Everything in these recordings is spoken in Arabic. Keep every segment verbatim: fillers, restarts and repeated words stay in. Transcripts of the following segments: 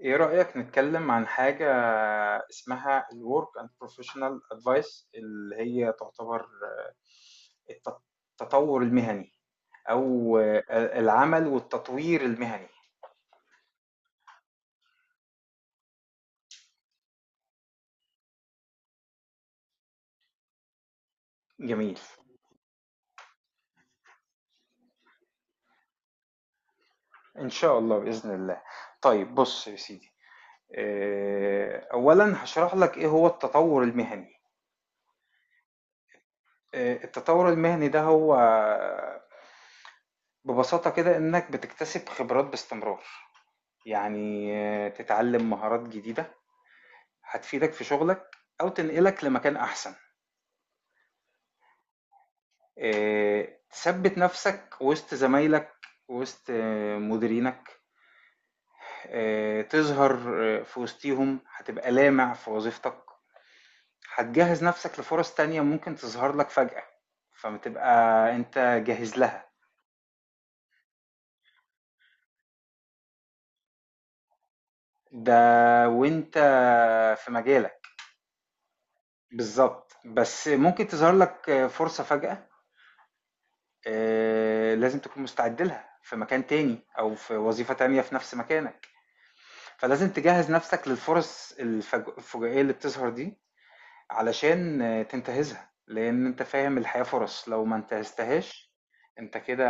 إيه رأيك نتكلم عن حاجة اسمها ال Work and Professional Advice اللي هي تعتبر الت- التطور المهني أو العمل والتطوير المهني. جميل. إن شاء الله بإذن الله. طيب بص يا سيدي، آه، أولا هشرح لك إيه هو التطور المهني. آه، التطور المهني ده هو ببساطة كده إنك بتكتسب خبرات باستمرار، يعني آه، تتعلم مهارات جديدة هتفيدك في شغلك أو تنقلك لمكان أحسن. آه، تثبت نفسك وسط زمايلك، وسط آه، مديرينك، آه، تظهر آه، في وسطيهم، هتبقى لامع في وظيفتك، هتجهز نفسك لفرص تانية ممكن تظهر لك فجأة فما تبقى انت جاهز لها. ده وانت في مجالك. بالظبط، بس ممكن تظهر لك آه، فرصة فجأة، آه، لازم تكون مستعد لها في مكان تاني او في وظيفة تانية في نفس مكانك. فلازم تجهز نفسك للفرص الفج- الفجائية اللي بتظهر دي، علشان آه، تنتهزها، لأن أنت فاهم الحياة فرص. لو ما انتهزتهاش أنت كده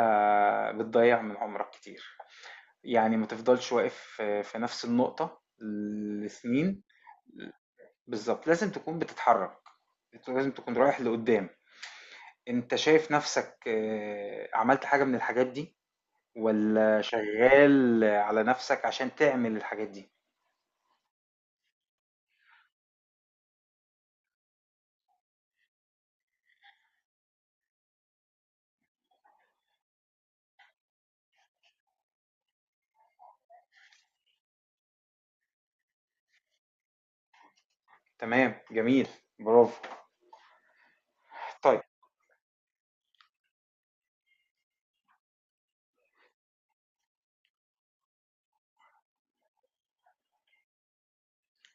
بتضيع من عمرك كتير، يعني ما تفضلش واقف آه، في نفس النقطة لسنين. بالظبط، لازم تكون بتتحرك، أنت لازم تكون رايح لقدام. أنت شايف نفسك آه، عملت حاجة من الحاجات دي، ولا شغال على نفسك عشان تعمل الحاجات دي؟ تمام، جميل، برافو. طيب.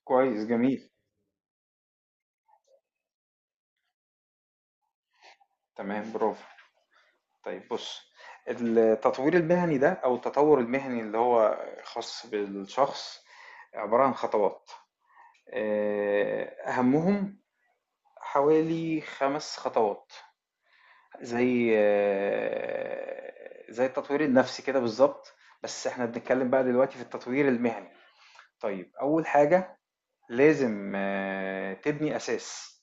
كويس، جميل. تمام، برافو. طيب بص، التطوير المهني ده او التطور المهني اللي هو خاص بالشخص عبارة عن خطوات، آه، اهمهم حوالي خمس خطوات، زي آه، زي التطوير النفسي كده بالظبط، بس احنا بنتكلم بقى دلوقتي في التطوير المهني. طيب اول حاجة، لازم آه، تبني اساس.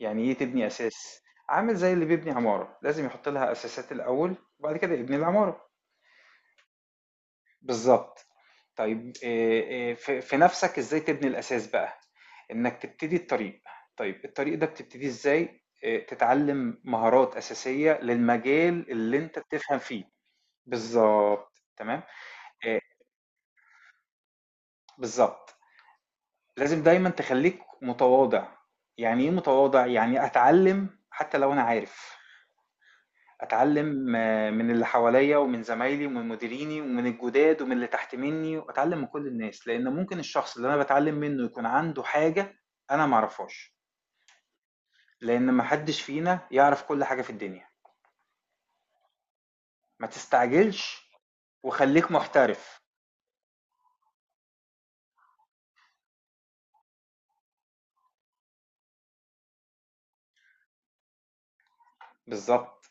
يعني ايه تبني اساس؟ عامل زي اللي بيبني عمارة، لازم يحط لها اساسات الاول وبعد كده يبني العمارة. بالظبط. طيب إيه، إيه في في نفسك، ازاي تبني الاساس بقى؟ انك تبتدي الطريق. طيب الطريق ده بتبتدي ازاي؟ إيه، تتعلم مهارات اساسية للمجال اللي انت بتفهم فيه. بالظبط، تمام. إيه، بالظبط. لازم دايما تخليك متواضع. يعني ايه متواضع؟ يعني اتعلم حتى لو انا عارف، اتعلم آه، من اللي حواليا ومن زمايلي ومن مديريني ومن الجداد ومن اللي تحت مني، واتعلم من كل الناس، لان ممكن الشخص اللي انا بتعلم منه يكون عنده حاجة انا معرفهاش، لان محدش فينا يعرف كل حاجة في الدنيا. ما تستعجلش وخليك محترف. بالظبط.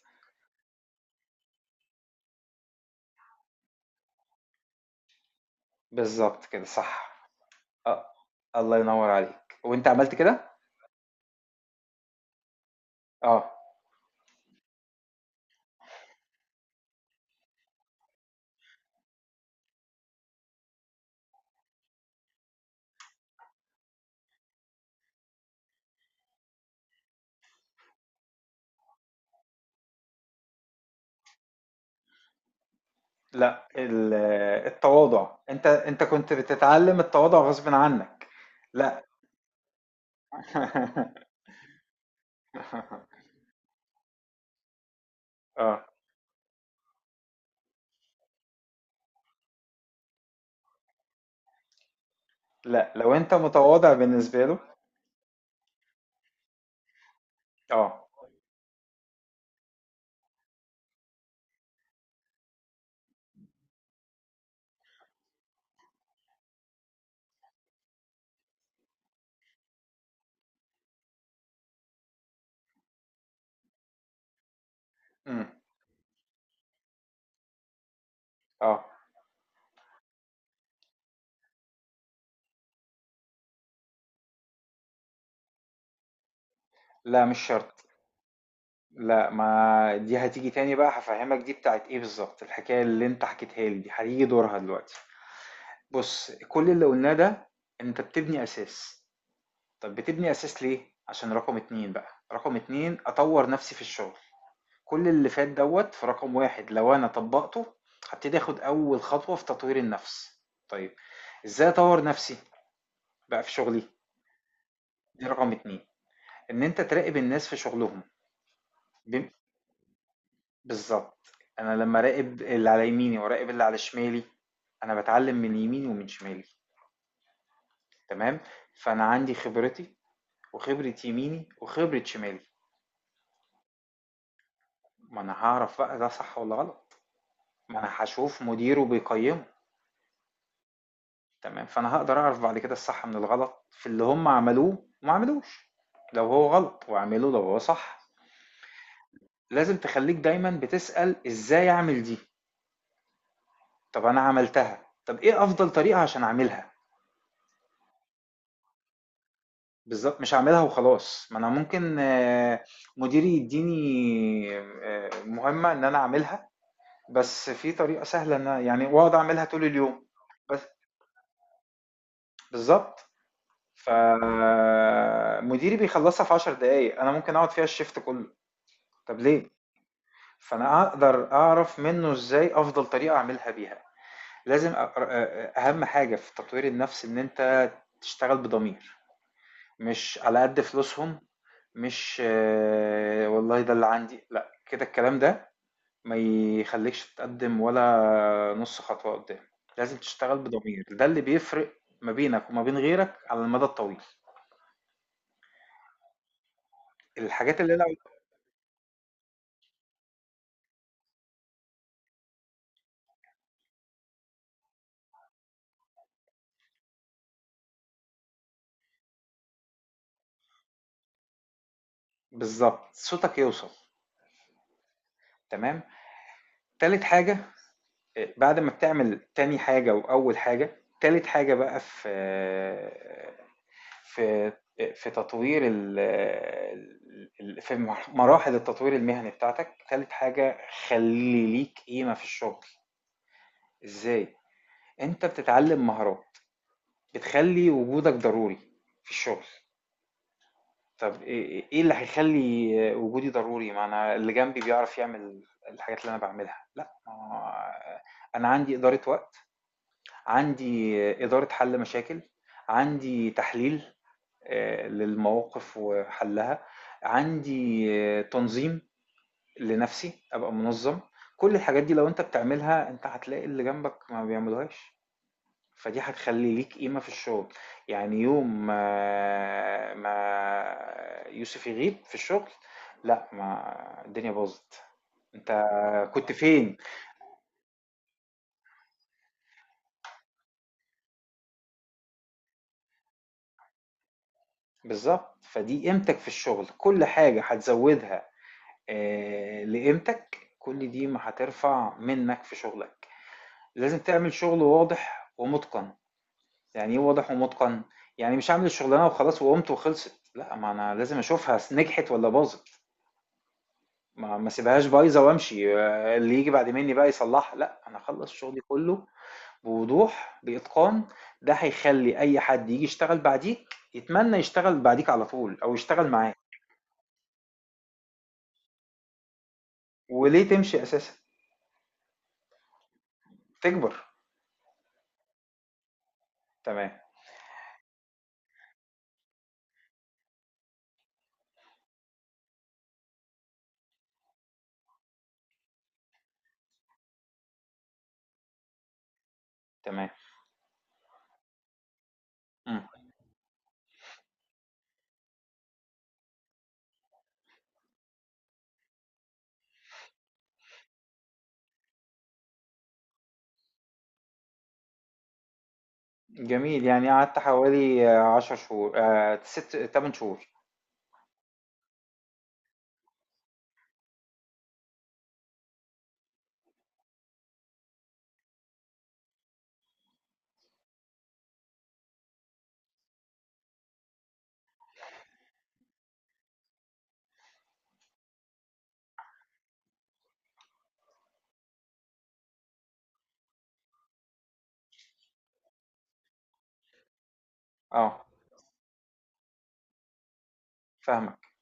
بالظبط كده صح. اه، الله ينور عليك وانت عملت كده. اه. لا ال- التواضع، انت انت كنت بتتعلم التواضع غصب عنك. لا. اه. لا، لو انت متواضع بالنسبة له. اه، امم اه. لا مش شرط. لا، ما دي هتيجي تاني بقى هفهمك. دي بتاعت ايه بالظبط؟ الحكاية اللي انت حكيتها لي دي هتيجي دورها دلوقتي. بص، كل اللي قلناه ده انت بتبني اساس. طب بتبني اساس ليه؟ عشان رقم اتنين بقى. رقم اتنين، اطور نفسي في الشغل. كل اللي فات دوت في رقم واحد، لو انا طبقته هبتدي اخد اول خطوة في تطوير النفس. طيب، ازاي اطور نفسي بقى في شغلي؟ دي رقم اتنين، إن أنت تراقب الناس في شغلهم. بم- بالظبط. أنا لما أراقب اللي على يميني وأراقب اللي على شمالي، أنا بتعلم من يميني ومن شمالي. تمام. فأنا عندي خبرتي، وخبرة يميني، وخبرة شمالي. ما أنا هعرف بقى ده صح ولا غلط، ما أنا هشوف مديره بيقيمه. تمام، فأنا هقدر أعرف بعد كده الصح من الغلط في اللي هم عملوه وما عملوش، لو هو غلط وعمله، لو هو صح. لازم تخليك دايما بتسأل إزاي أعمل دي. طب أنا عملتها، طب إيه أفضل طريقة عشان أعملها؟ بالضبط، مش هاعملها وخلاص، ما أنا ممكن آآ مديري يدّيني آآ مهمة إن أنا أعملها، بس في طريقة سهلة. إن أنا- يعني وأقعد أعملها طول اليوم، بس، بالضبط، فمديري بيخلّصها في عشر دقايق، أنا ممكن أقعد فيها الشيفت كلّه. طب ليه؟ فأنا أقدر أعرف منّه إزاي أفضل طريقة أعملها بيها. لازم أ أر أ أهم حاجة في تطوير النَفْس إن أنت تشتغل بضمير، مش على قد فلوسهم، مش آه، والله ده اللي عندي، لا كده الكلام ده ما يخليكش تتقدم ولا نص خطوة قدام. لازم تشتغل بضمير، ده اللي بيفرق ما بينك وما بين غيرك على المدى الطويل. الحاجات اللي انا، بالظبط، صوتك يوصل. تمام، تالت حاجة. آه، بعد ما بتعمل تاني حاجة وأول حاجة، تالت حاجة بقى في آه، في في تطوير ال، ال في مراحل التطوير المهني بتاعتك، تالت حاجة، خلي ليك قيمة في الشغل. ازاي؟ انت بتتعلم مهارات بتخلي وجودك ضروري في الشغل. طب ايه إيه اللي هيخلي وجودي ضروري، ما انا اللي جنبي بيعرف يعمل الحاجات اللي انا بعملها؟ لا، ما هو انا عندي إدارة وقت، عندي إدارة حل مشاكل، عندي تحليل آه، للمواقف وحلها، عندي آه، تنظيم لنفسي، ابقى منظم. كل الحاجات دي لو انت بتعملها، انت هتلاقي اللي جنبك ما بيعملوهاش، فدي هتخلي ليك قيمة في الشغل. يعني يوم ما, ما, يوسف يغيب في الشغل، لا، ما الدنيا باظت، انت كنت فين؟ بالظبط، فدي قيمتك في الشغل. كل حاجة هتزودها آه، لقيمتك، كل دي ما هترفع منك في شغلك. لازم تعمل شغل واضح ومتقن. يعني ايه واضح ومتقن؟ يعني مش هعمل الشغلانه وخلاص وقمت وخلصت، لا ما انا لازم اشوفها نجحت ولا باظت، ما ما سيبهاش بايظه وامشي آه، اللي يجي بعد مني بقى يصلحها، لا انا اخلص شغلي كله بوضوح، باتقان. ده هيخلي اي حد يجي يشتغل بعديك يتمنى يشتغل بعديك على طول، او يشتغل معاك. وليه تمشي اساسا؟ تكبر. تمام. تمام. مم. جميل، يعني قعدت حوالي آه، عشر شهور، آه، ست تمن شهور. اه، فاهمك.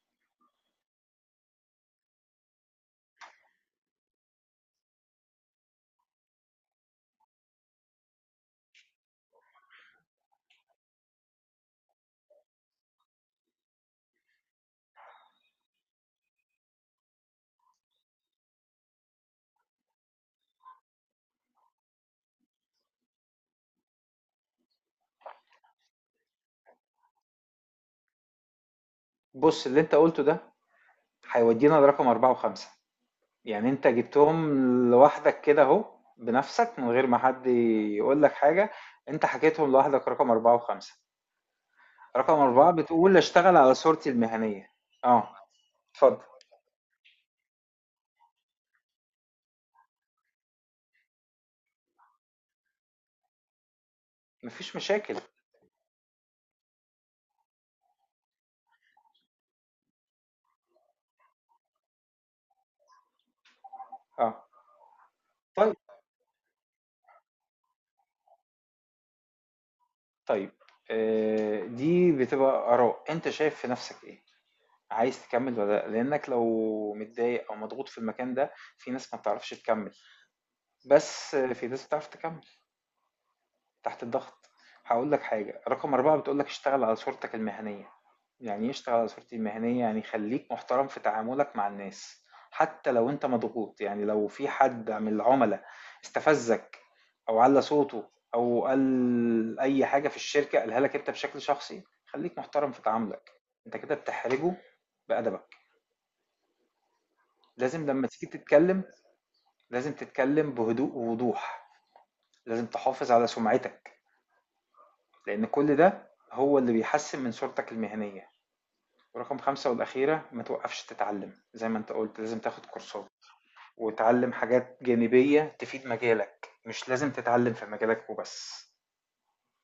بص اللي انت قلته ده هيودينا لرقم أربعة وخمسة، يعني انت جبتهم لوحدك كده اهو، بنفسك من غير ما حد يقول لك حاجة، انت حكيتهم لوحدك، رقم أربعة وخمسة. رقم أربعة بتقول اشتغل على صورتي المهنية. اه، اتفضل، مفيش مشاكل. اه. طيب. طيب، آه دي بتبقى آراء، انت شايف في نفسك ايه، عايز تكمل ولا لأ؟ لانك لو متضايق او مضغوط في المكان ده، في ناس ما بتعرفش تكمل، بس في ناس بتعرف تكمل تحت الضغط. هقول لك حاجة، رقم أربعة بتقول لك اشتغل على صورتك المهنية. يعني ايه اشتغل على صورتي المهنية؟ يعني خليك محترم في تعاملك مع الناس، حتى لو انت مضغوط. يعني لو في حد من العملاء استفزك او على صوته او قال اي حاجة في الشركة قالها لك انت بشكل شخصي، خليك محترم في تعاملك، انت كده بتحرجه بأدبك. لازم لما تيجي تتكلم، لازم تتكلم بهدوء ووضوح، لازم تحافظ على سمعتك، لأن كل ده هو اللي بيحسن من صورتك المهنية. ورقم خمسة والأخيرة، ما توقفش تتعلم، زي ما أنت قلت، لازم تاخد كورسات وتعلم حاجات جانبية تفيد مجالك، مش لازم تتعلم في مجالك وبس